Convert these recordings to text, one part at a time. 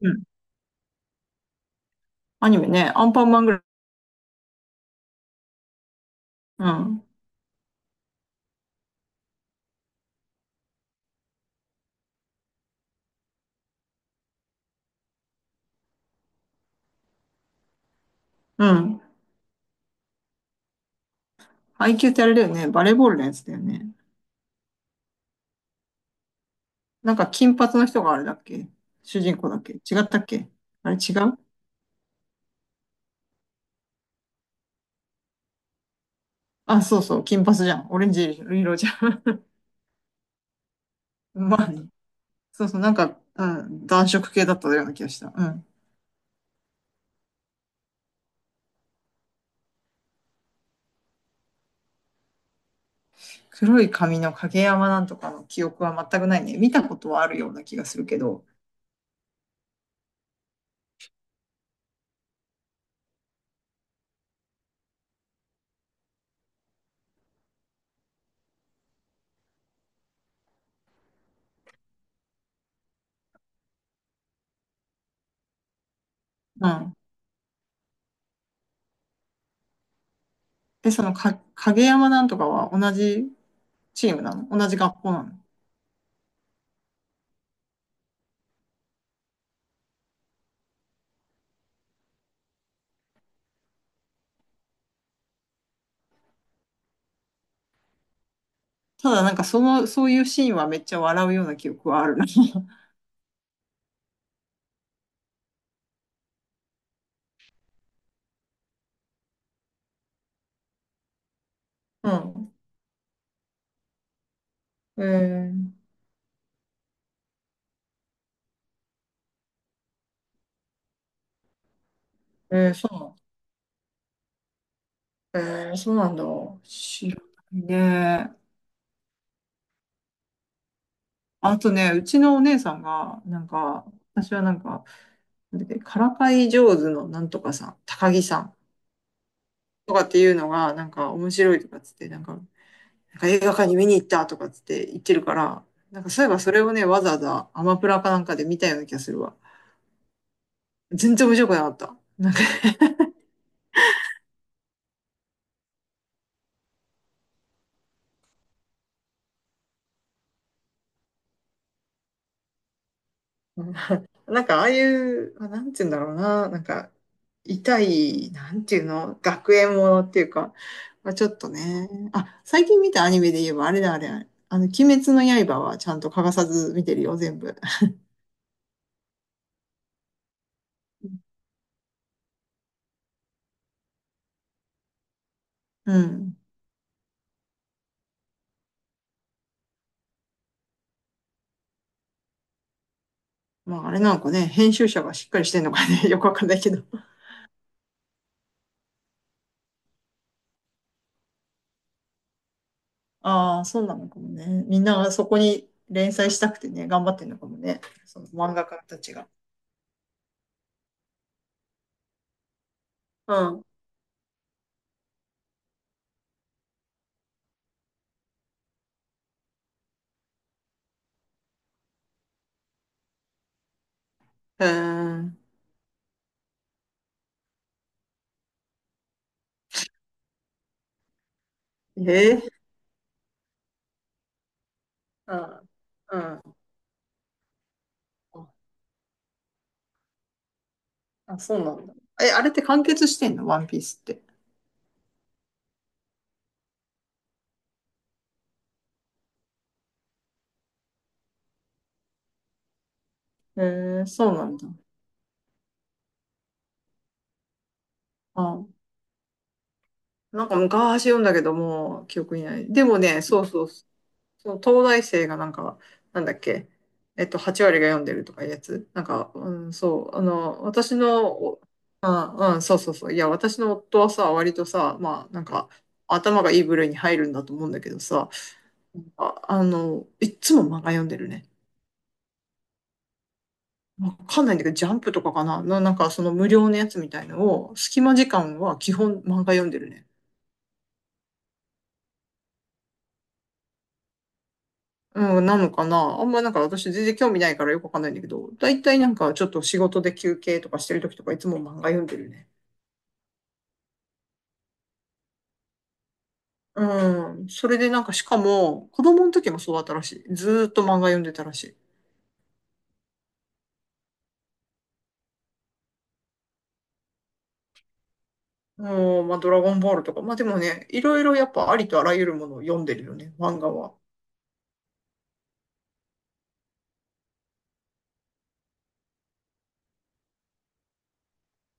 うん。アニメね。アンパンマンぐらい。うん。うん。アイキューってあれだよね。バレーボールのやつだよね。なんか金髪の人があれだっけ主人公だっけ違ったっけあれ違う？あ、そうそう。金髪じゃん。オレンジ色じゃん。まあね。そうそう。うん。暖色系だったような気がした。うん。黒い髪の影山なんとかの記憶は全くないね。見たことはあるような気がするけど。うん。で、そのか、影山なんとかは同じチームなの？同じ学校なの？ただなんかその、そういうシーンはめっちゃ笑うような記憶はあるな。うん。えー、えー、そうなの？えー、そうなんだ。知らないね。あとね、うちのお姉さんが、なんか、私はなんか、なんだっけ、からかい上手のなんとかさん、高木さんとかっていうのが、なんか面白いとかっつって、なんか映画館に見に行ったとかっつって言ってるから、なんかそういえばそれをね、わざわざアマプラかなんかで見たような気がするわ。全然面白くなかった。なんかなんかああいう、まあ、なんて言うんだろうな、なんか、痛い、なんていうの、学園ものっていうか、まあ、ちょっとね、あ、最近見たアニメで言えばあれだ、あれあれあの、鬼滅の刃はちゃんと欠かさず見てるよ、全部。うん。まああれなんかね、編集者がしっかりしてんのかね、よくわかんないけど。ああ、そうなのかもね。みんながそこに連載したくてね、頑張ってんのかもね。その漫画家たちが。うん。へえ。へえー。うん。うん。あ、そうなんだ。え、あれって完結してんの、ワンピースって。へえ、そうなんだ。あ、なんか昔読んだけど、もう記憶にない。でもね、そうそう、その東大生がなんか、なんだっけ、えっと、8割が読んでるとかいうやつ。うん、そう、あの、私の、おあ、うん、そうそうそう。いや、私の夫はさ、割とさ、まあ、なんか、頭がいい部類に入るんだと思うんだけどさ、あ、あの、いっつも漫画読んでるね。わかんないんだけど、ジャンプとかかなな、なんかその無料のやつみたいのを、隙間時間は基本漫画読んでるね。うん、なのかな、あんまなんか私全然興味ないからよくわかんないんだけど、だいたいなんかちょっと仕事で休憩とかしてる時とかいつも漫画読んでるね。うん、それでなんかしかも、子供の時もそうだったらしい。ずーっと漫画読んでたらしい。うん、まあドラゴンボールとか、まあでもね、いろいろやっぱありとあらゆるものを読んでるよね、漫画は。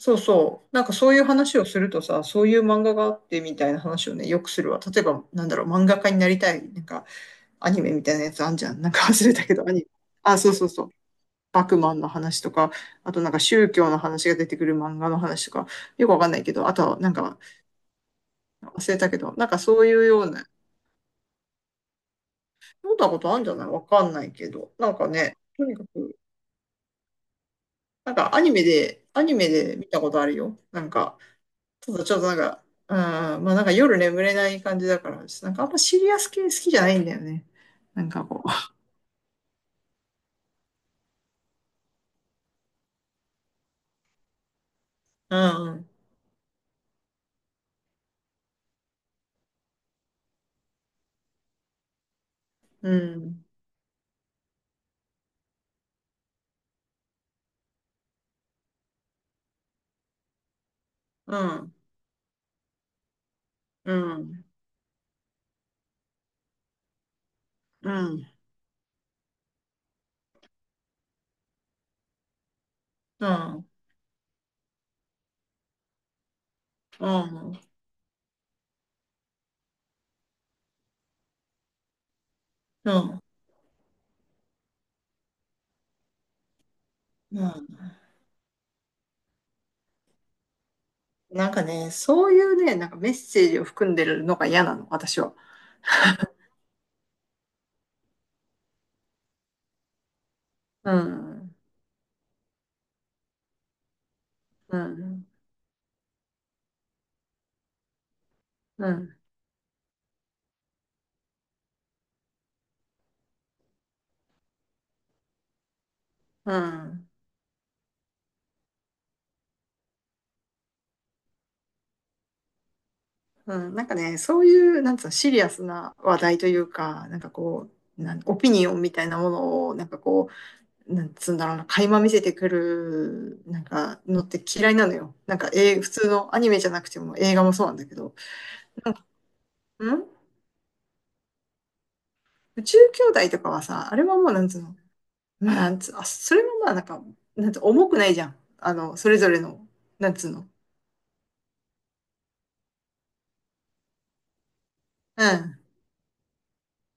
そうそう。なんかそういう話をするとさ、そういう漫画があってみたいな話をね、よくするわ。例えば、なんだろう、漫画家になりたい、なんかアニメみたいなやつあんじゃん。なんか忘れたけど、アニメ。あ、そうそうそう。バクマンの話とか、あとなんか宗教の話が出てくる漫画の話とか、よくわかんないけど、あとはなんか忘れたけど、なんかそういうような、読んだことあるんじゃない、わかんないけど。なんかね、とにかく、なんかアニメで、アニメで見たことあるよ。なんか、ただちょっとなんか、うん、まあなんか夜眠れない感じだから、なんかあんまシリアス系好きじゃないんだよね。なんかこう。うん、うん、うん、うん、うん、うん、うん、うん、うん。うん、なんかね、そういうね、なんかメッセージを含んでるのが嫌なの、私は。うん、うん、うん、うん。うん、なんかね、そういう、なんつうの、シリアスな話題というか、なんかこう、なんオピニオンみたいなものを、なんかこう、なんつうんだろうな、垣間見せてくる、なんか、のって嫌いなのよ。なんか、えー普通のアニメじゃなくても映画もそうなんだけど。ん、宇宙兄弟とかはさ、あれはもうなんつうの、まあ、なんつう、あ、それもまあなんか、なんつう、重くないじゃん。あの、それぞれの、なんつうの。うん。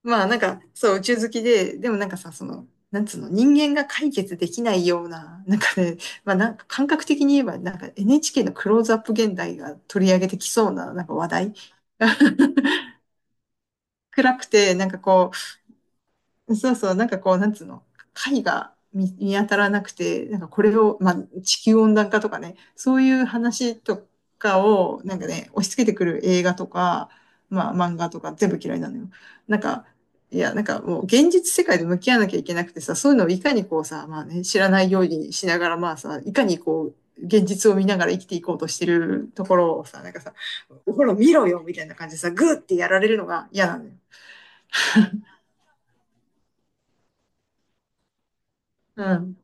まあなんか、そう、宇宙好きで、でもなんかさ、その、なんつうの、人間が解決できないような、なんかね、まあなんか感覚的に言えば、なんか NHK のクローズアップ現代が取り上げてきそうな、なんか話題。暗くて、なんかこう、そうそう、なんかこう、なんつうの、貝が見、見当たらなくて、なんかこれを、まあ、地球温暖化とかね、そういう話とかを、なんかね、押し付けてくる映画とか、まあ、漫画とか全部嫌いなのよ。なんか、いや、なんかもう現実世界で向き合わなきゃいけなくてさ、そういうのをいかにこうさ、まあね、知らないようにしながら、まあさ、いかにこう、現実を見ながら生きていこうとしてるところをさ、なんかさ、ほら見ろよみたいな感じでさ、グーってやられるのが嫌なのよ。うん。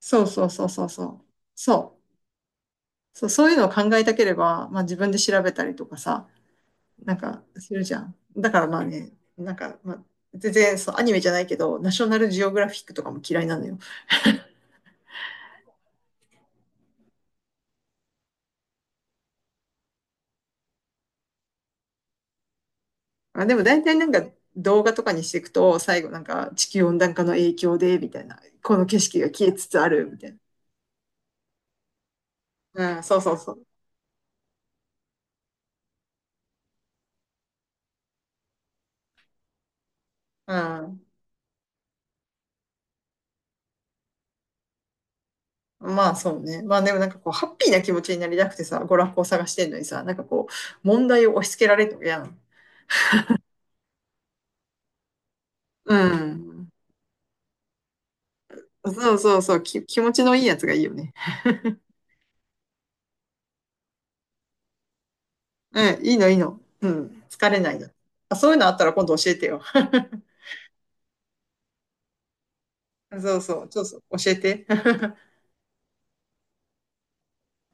そうそうそうそうそう。そう。そう、そういうのを考えたければ、まあ自分で調べたりとかさ、なんかするじゃん。だからまあね、なんか、まあ、全然そう、アニメじゃないけど、ナショナルジオグラフィックとかも嫌いなのよ。あ、でも大体なんか動画とかにしていくと、最後なんか地球温暖化の影響で、みたいな、この景色が消えつつある、みたいな。うん、そうそうそう。うん、まあそうね。まあでもなんかこう、ハッピーな気持ちになりたくてさ、娯楽を探してんのにさ、なんかこう、問題を押し付けられるのやん。うん。そうそうそう、き、気持ちのいいやつがいいよね。うん、いいのいいの。うん、疲れないの。あ、そういうのあったら今度教えてよ。そうそう、ちょっと教えて。